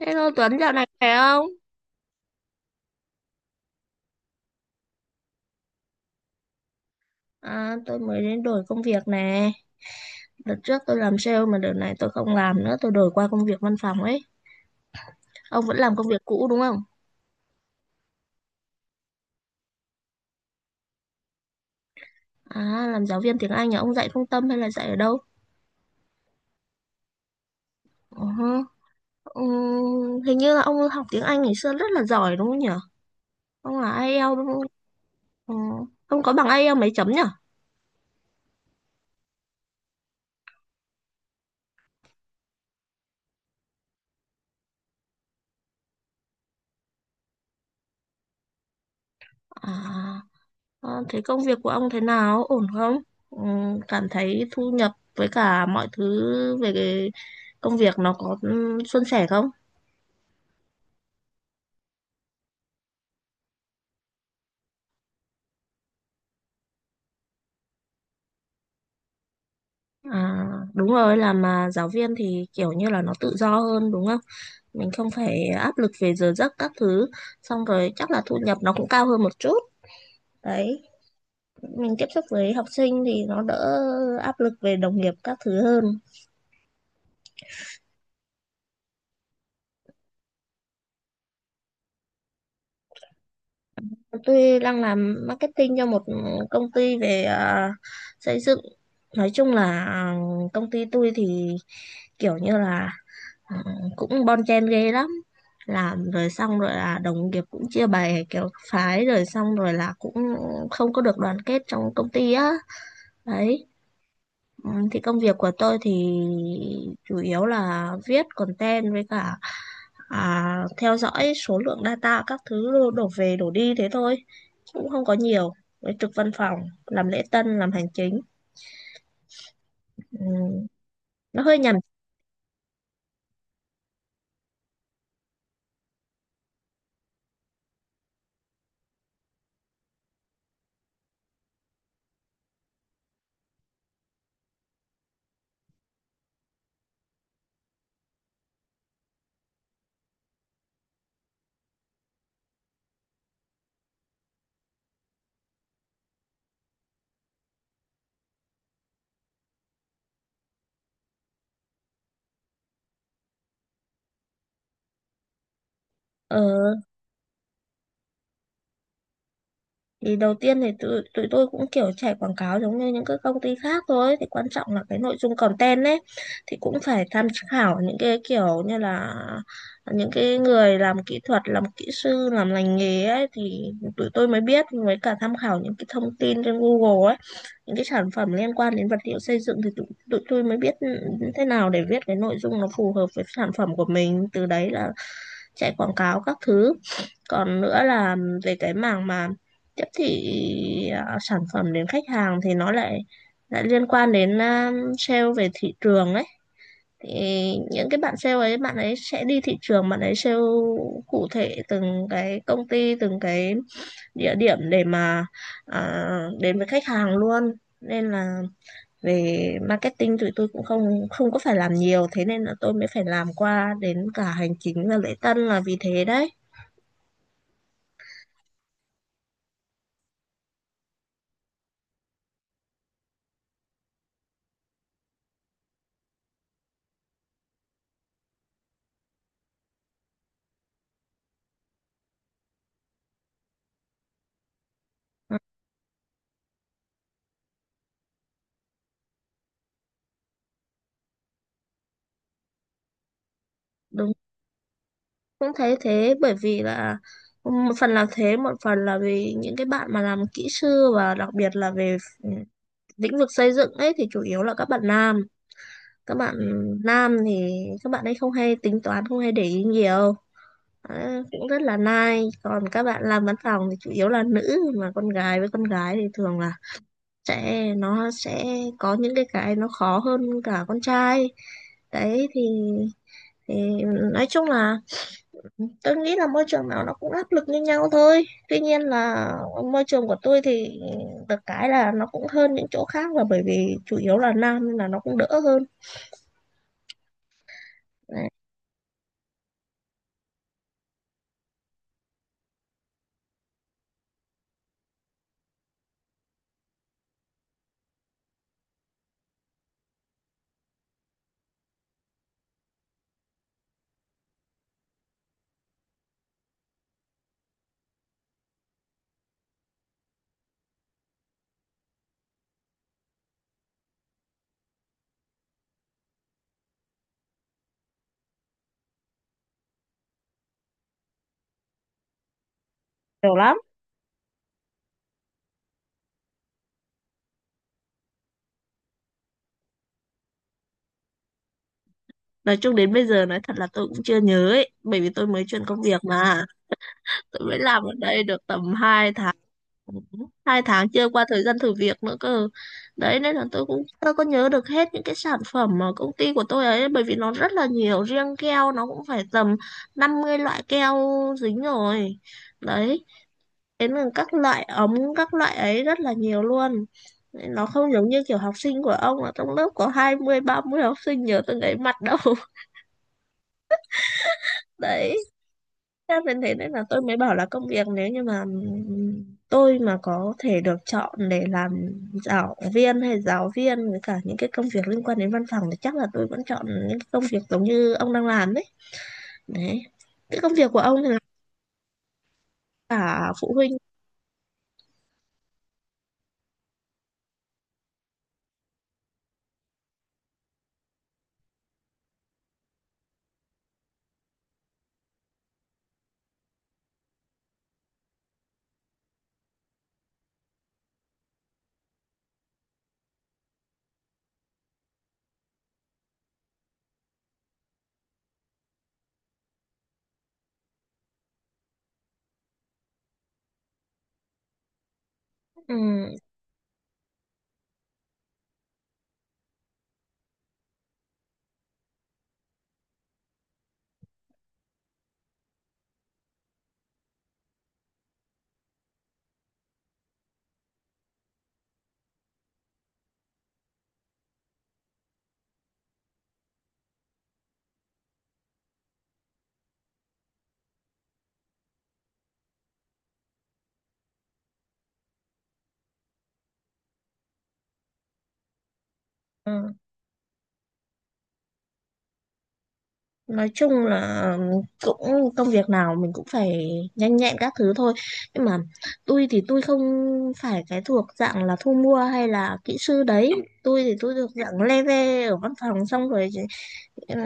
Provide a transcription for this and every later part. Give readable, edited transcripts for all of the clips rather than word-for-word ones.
Hello Tuấn, dạo này khỏe không? À, tôi mới đến đổi công việc nè. Đợt trước tôi làm sale mà đợt này tôi không làm nữa, tôi đổi qua công việc văn phòng ấy. Ông vẫn làm công việc cũ đúng không? À, làm giáo viên tiếng Anh à? Ông dạy trung tâm hay là dạy ở đâu? Ờ hơ. Hình như là ông học tiếng Anh ngày xưa rất là giỏi đúng không nhỉ? Ông là IELTS đúng không? Ừ. Ông có bằng IELTS mấy chấm nhỉ? À. Ờ, thế công việc của ông thế nào? Ổn không? Ừ, cảm thấy thu nhập với cả mọi thứ về cái công việc nó có suôn sẻ không? À, đúng rồi, làm mà giáo viên thì kiểu như là nó tự do hơn đúng không? Mình không phải áp lực về giờ giấc các thứ, xong rồi chắc là thu nhập nó cũng cao hơn một chút. Đấy, mình tiếp xúc với học sinh thì nó đỡ áp lực về đồng nghiệp các thứ hơn. Tôi đang làm marketing cho một công ty về xây dựng. Nói chung là à, công ty tôi thì kiểu như là ừ, cũng bon chen ghê lắm. Làm rồi xong rồi là đồng nghiệp cũng chia bè kiểu phái rồi xong rồi là cũng không có được đoàn kết trong công ty á. Đấy. Ừ, thì công việc của tôi thì chủ yếu là viết content với cả theo dõi số lượng data các thứ đổ về đổ đi thế thôi. Chứ cũng không có nhiều, với trực văn phòng làm lễ tân làm hành chính, ừ, nó hơi nhàm. Ờ, thì đầu tiên thì tụi tôi cũng kiểu chạy quảng cáo giống như những cái công ty khác thôi, thì quan trọng là cái nội dung content ấy, thì cũng phải tham khảo những cái kiểu như là những cái người làm kỹ thuật làm kỹ sư làm lành nghề ấy thì tụi tôi mới biết, với cả tham khảo những cái thông tin trên Google ấy, những cái sản phẩm liên quan đến vật liệu xây dựng thì tụi tôi mới biết thế nào để viết cái nội dung nó phù hợp với sản phẩm của mình, từ đấy là chạy quảng cáo các thứ. Còn nữa là về cái mảng mà tiếp thị sản phẩm đến khách hàng thì nó lại lại liên quan đến sale về thị trường ấy, thì những cái bạn sale ấy bạn ấy sẽ đi thị trường bạn ấy sale cụ thể từng cái công ty từng cái địa điểm để mà à, đến với khách hàng luôn, nên là về marketing tụi tôi cũng không không có phải làm nhiều, thế nên là tôi mới phải làm qua đến cả hành chính và lễ tân là vì thế đấy. Ừ, đúng, cũng thấy thế, bởi vì là một phần là thế, một phần là vì những cái bạn mà làm kỹ sư và đặc biệt là về lĩnh vực xây dựng ấy thì chủ yếu là các bạn nam, các bạn nam thì các bạn ấy không hay tính toán không hay để ý nhiều. Đấy, cũng rất là nai, còn các bạn làm văn phòng thì chủ yếu là nữ, mà con gái với con gái thì thường là nó sẽ có những cái nó khó hơn cả con trai đấy, thì nói chung là tôi nghĩ là môi trường nào nó cũng áp lực như nhau thôi, tuy nhiên là môi trường của tôi thì được cái là nó cũng hơn những chỗ khác là bởi vì chủ yếu là nam nên là nó cũng đỡ hơn. Đấy, nhiều lắm. Nói chung đến bây giờ nói thật là tôi cũng chưa nhớ ấy, bởi vì tôi mới chuyển công việc mà, tôi mới làm ở đây được tầm 2 tháng, 2 tháng chưa qua thời gian thử việc nữa cơ, đấy nên là tôi cũng tôi có nhớ được hết những cái sản phẩm mà công ty của tôi ấy bởi vì nó rất là nhiều, riêng keo nó cũng phải tầm 50 loại keo dính rồi, đấy, đến là các loại ống các loại ấy rất là nhiều luôn. Nên nó không giống như kiểu học sinh của ông là trong lớp có 20 30 học sinh nhớ từng ấy mặt đâu. Đấy, thế nên là tôi mới bảo là công việc, nếu như mà tôi mà có thể được chọn để làm giáo viên, hay giáo viên với cả những cái công việc liên quan đến văn phòng, thì chắc là tôi vẫn chọn những cái công việc giống như ông đang làm đấy. Đấy. Cái công việc của ông thì là cả phụ huynh. Ừ. Ừ. Nói chung là cũng công việc nào mình cũng phải nhanh nhẹn các thứ thôi, nhưng mà tôi thì tôi không phải cái thuộc dạng là thu mua hay là kỹ sư đấy, tôi thì tôi thuộc dạng leve ở văn phòng xong rồi ừm,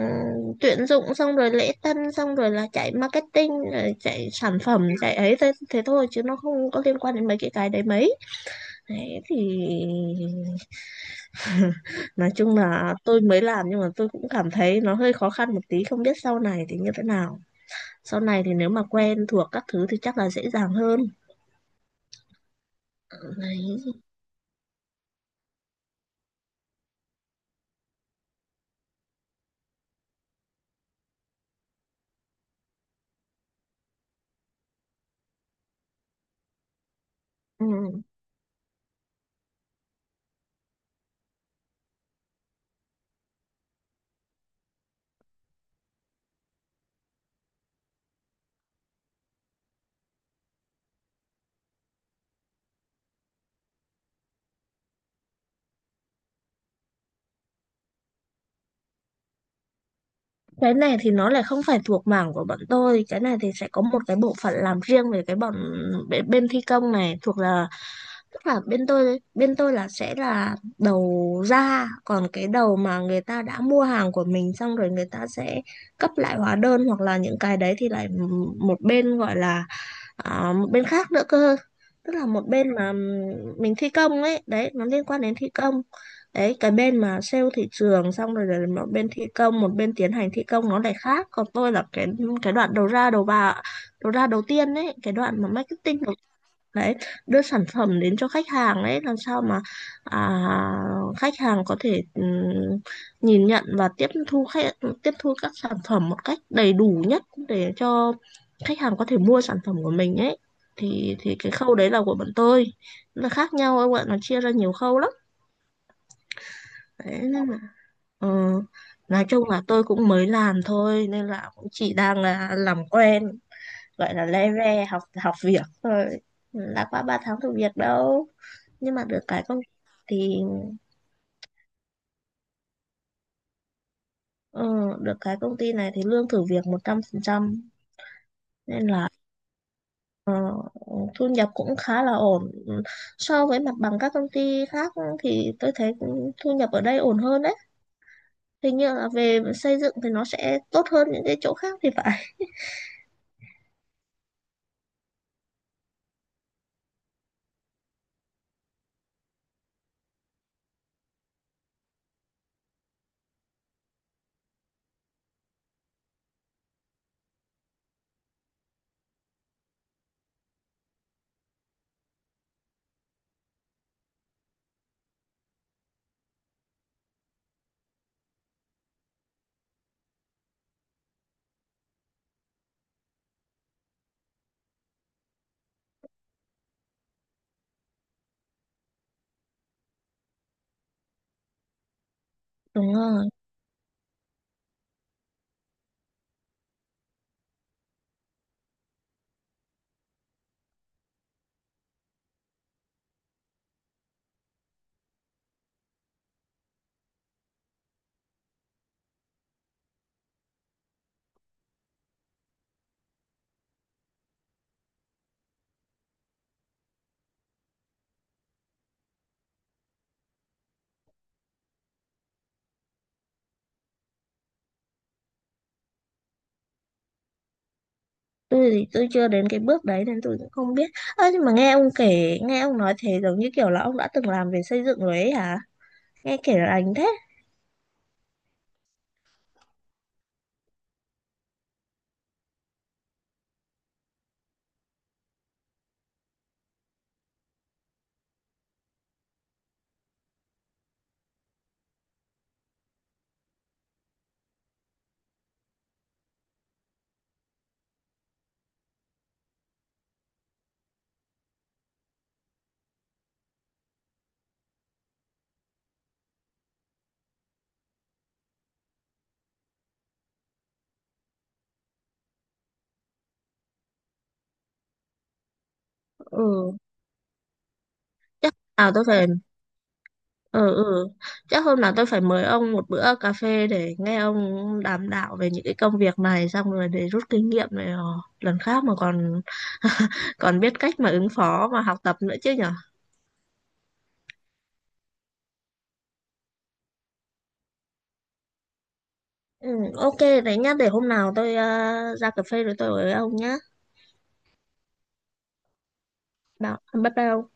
tuyển dụng xong rồi lễ tân xong rồi là chạy marketing rồi chạy sản phẩm chạy ấy, thế thôi chứ nó không có liên quan đến mấy cái đấy mấy, đấy nói chung là tôi mới làm nhưng mà tôi cũng cảm thấy nó hơi khó khăn một tí, không biết sau này thì như thế nào, sau này thì nếu mà quen thuộc các thứ thì chắc là dễ dàng hơn. Đấy. Ừ. Cái này thì nó lại không phải thuộc mảng của bọn tôi. Cái này thì sẽ có một cái bộ phận làm riêng về cái bọn bên thi công, này thuộc là, tức là bên tôi là sẽ là đầu ra, còn cái đầu mà người ta đã mua hàng của mình xong rồi người ta sẽ cấp lại hóa đơn hoặc là những cái đấy thì lại một bên gọi là một bên khác nữa cơ, tức là một bên mà mình thi công ấy, đấy nó liên quan đến thi công đấy, cái bên mà sale thị trường xong rồi là một bên thi công, một bên tiến hành thi công nó lại khác, còn tôi là cái đoạn đầu ra đầu vào, đầu ra đầu tiên ấy, cái đoạn mà marketing đầu, đấy, đưa sản phẩm đến cho khách hàng ấy làm sao mà à, khách hàng có thể nhìn nhận và tiếp thu tiếp thu các sản phẩm một cách đầy đủ nhất để cho khách hàng có thể mua sản phẩm của mình ấy, thì cái khâu đấy là của bọn tôi. Nó khác nhau, các bạn nó chia ra nhiều khâu lắm đấy, nên là ờ, nói chung là tôi cũng mới làm thôi nên là cũng chỉ đang là làm quen, gọi là le ve học học việc thôi, đã qua 3 tháng thử việc đâu, nhưng mà được cái công thì ờ, được cái công ty này thì lương thử việc 100%, nên là ờ, thu nhập cũng khá là ổn. Ừ, so với mặt bằng các công ty khác thì tôi thấy cũng thu nhập ở đây ổn hơn đấy, hình như là về xây dựng thì nó sẽ tốt hơn những cái chỗ khác thì phải. Đúng rồi, tôi thì tôi chưa đến cái bước đấy nên tôi cũng không biết. Ơ nhưng mà nghe ông kể, nghe ông nói thế giống như kiểu là ông đã từng làm về xây dựng rồi ấy hả, nghe kể là anh thế. Ừ, chắc à tôi phải, ừ chắc hôm nào tôi phải mời ông một bữa cà phê để nghe ông đàm đạo về những cái công việc này, xong rồi để rút kinh nghiệm này, ờ, lần khác mà còn còn biết cách mà ứng phó mà học tập nữa chứ nhở. Ừ, ok, đấy nhá, để hôm nào tôi ra cà phê rồi tôi ở với ông nhá. Bảo, bye bye ông.